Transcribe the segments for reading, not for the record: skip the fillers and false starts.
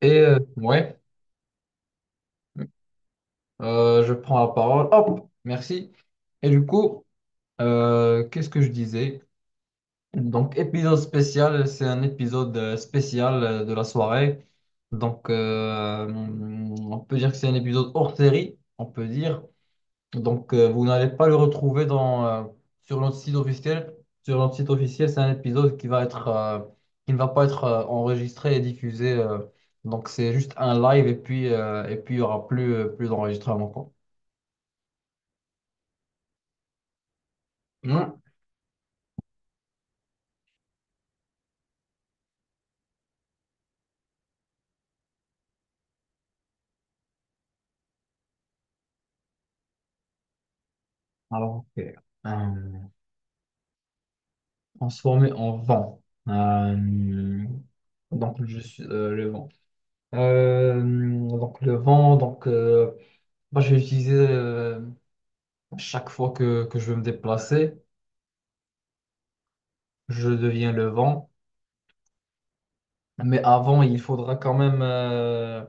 Et euh, ouais, je prends la parole. Hop, merci. Et du coup, qu'est-ce que je disais? Donc, épisode spécial, c'est un épisode spécial de la soirée. On peut dire que c'est un épisode hors série, on peut dire. Vous n'allez pas le retrouver sur notre site officiel. Sur notre site officiel, c'est un épisode qui va être, qui ne va pas être enregistré et diffusé. Donc, c'est juste un live et puis il n'y aura plus d'enregistrement, quoi. Non. Alors, ok. Euh, transformé en vent. Euh, donc, je suis le vent. Euh, donc, le vent, moi, je vais utiliser chaque fois que je veux me déplacer, je deviens le vent. Mais avant, il faudra quand même,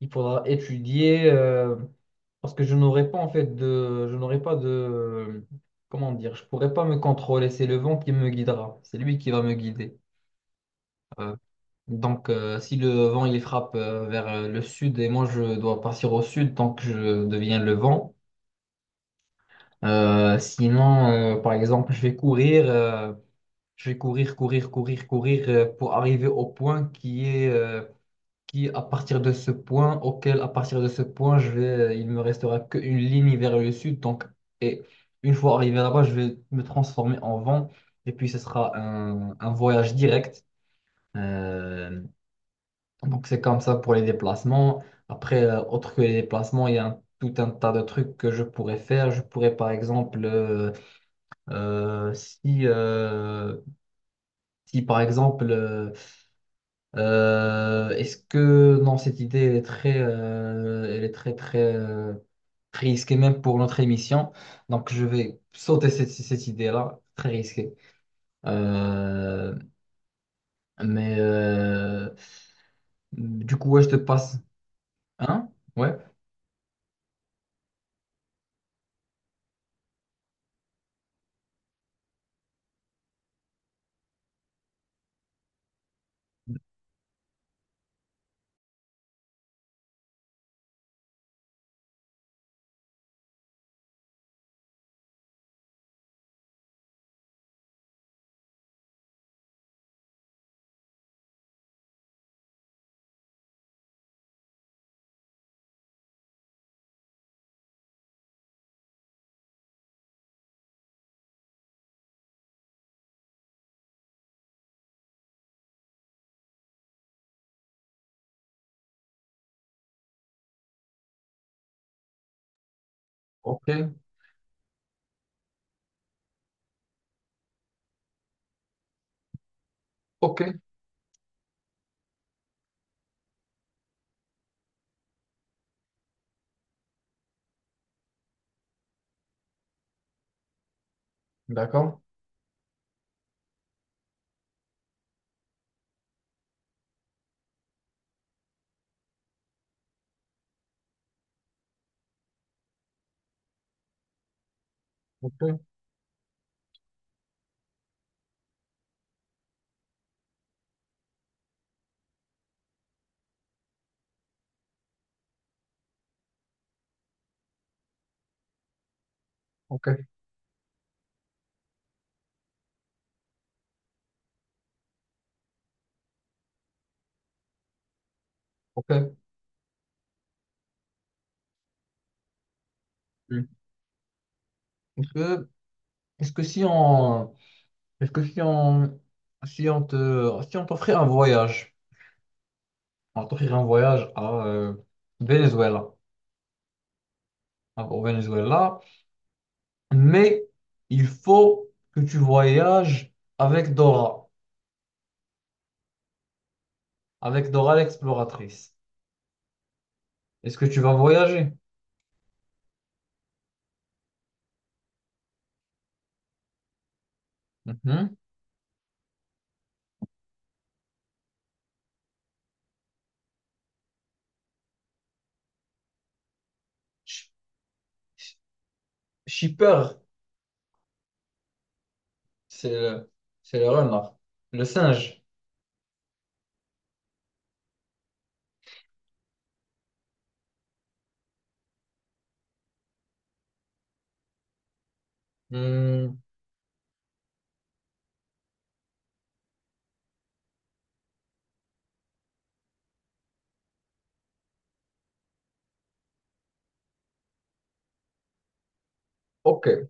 il faudra étudier, parce que je n'aurai pas en fait de, je n'aurai pas de, comment dire, je pourrai pas me contrôler. C'est le vent qui me guidera, c'est lui qui va me guider. Euh, donc, si le vent il frappe vers le sud et moi je dois partir au sud tant que je deviens le vent. Sinon, par exemple, je vais courir, je vais courir, courir, courir, courir, pour arriver au point qui est qui, à partir de ce point, auquel, à partir de ce point, je vais, il me restera qu'une ligne vers le sud. Donc, et une fois arrivé là-bas, je vais me transformer en vent. Et puis, ce sera un voyage direct. Euh, donc, c'est comme ça pour les déplacements. Après, autre que les déplacements, il y a tout un tas de trucs que je pourrais faire. Je pourrais, par exemple, si, si, par exemple, est-ce que non, cette idée elle est très, elle est très très risquée même pour notre émission. Donc je vais sauter cette, cette idée-là, très risquée. Euh, mais du coup, ouais, je te passe. Hein? Ouais. Ok. Ok. D'accord. Ok. Ok. Ok. Hmm. Est-ce que, est-ce que si on, est-ce que si on, si on te, si on t'offrait un voyage, on t'offrirait un voyage à Venezuela. Hein, au Venezuela, mais il faut que tu voyages avec Dora, avec Dora l'exploratrice. Est-ce que tu vas voyager? Mhm. Sh- sh- Shipper, c'est le, c'est le renard, le singe. Hmm, ok,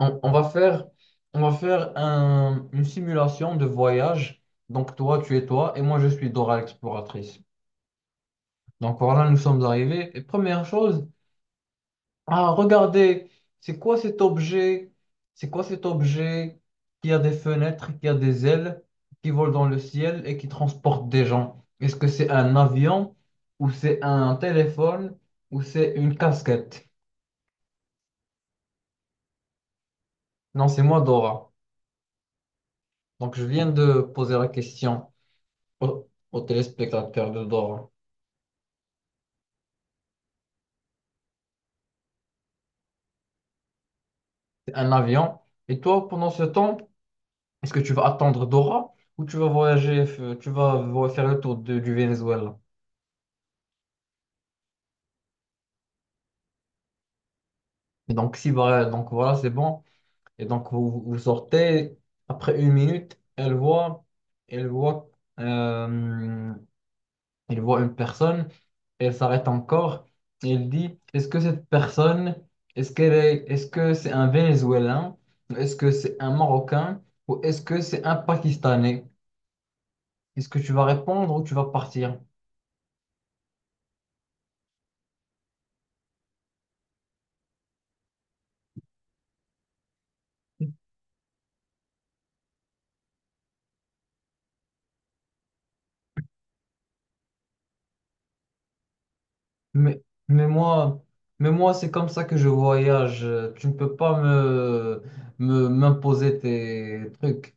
on, on va faire, on va faire une simulation de voyage. Donc toi, tu es toi et moi, je suis Dora l'exploratrice. Donc voilà, nous sommes arrivés. Et première chose, ah, regardez, c'est quoi cet objet? C'est quoi cet objet qui a des fenêtres, qui a des ailes, qui vole dans le ciel et qui transporte des gens? Est-ce que c'est un avion ou c'est un téléphone ou c'est une casquette? Non, c'est moi, Dora. Donc, je viens de poser la question au, au téléspectateur de Dora. C'est un avion. Et toi, pendant ce temps, est-ce que tu vas attendre Dora ou tu vas voyager, f- tu vas vo- faire le tour du Venezuela? Et donc, si, voilà, donc voilà, c'est bon. Et donc, vous, vous sortez, après une minute, elle voit, euh, elle voit une personne, elle s'arrête encore, et elle dit, est-ce que cette personne, est-ce qu'elle est, est-ce que c'est un Vénézuélien, est-ce que c'est un Marocain, ou est-ce que c'est un Pakistanais? Est-ce que tu vas répondre ou tu vas partir? Mais, mais moi, mais moi, c'est comme ça que je voyage. Tu ne peux pas m'imposer tes trucs.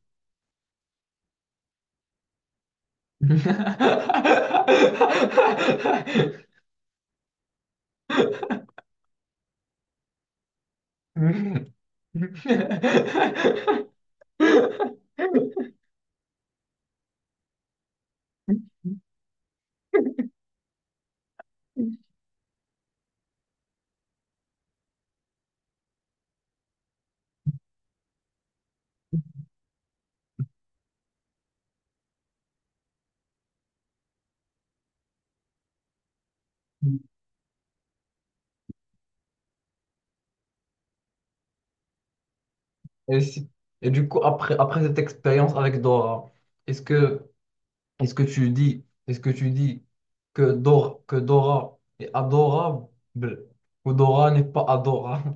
Et, si- et du coup, après, après cette expérience avec Dora, est-ce que, est-ce que tu dis que Dora est adorable ou Dora n'est pas adorable?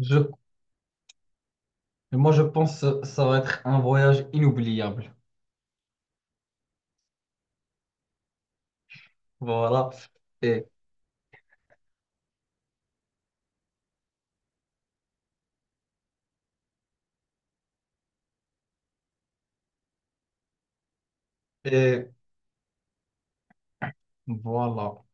Je, moi, je pense que ça va être un voyage inoubliable. Voilà. Et, et voilà.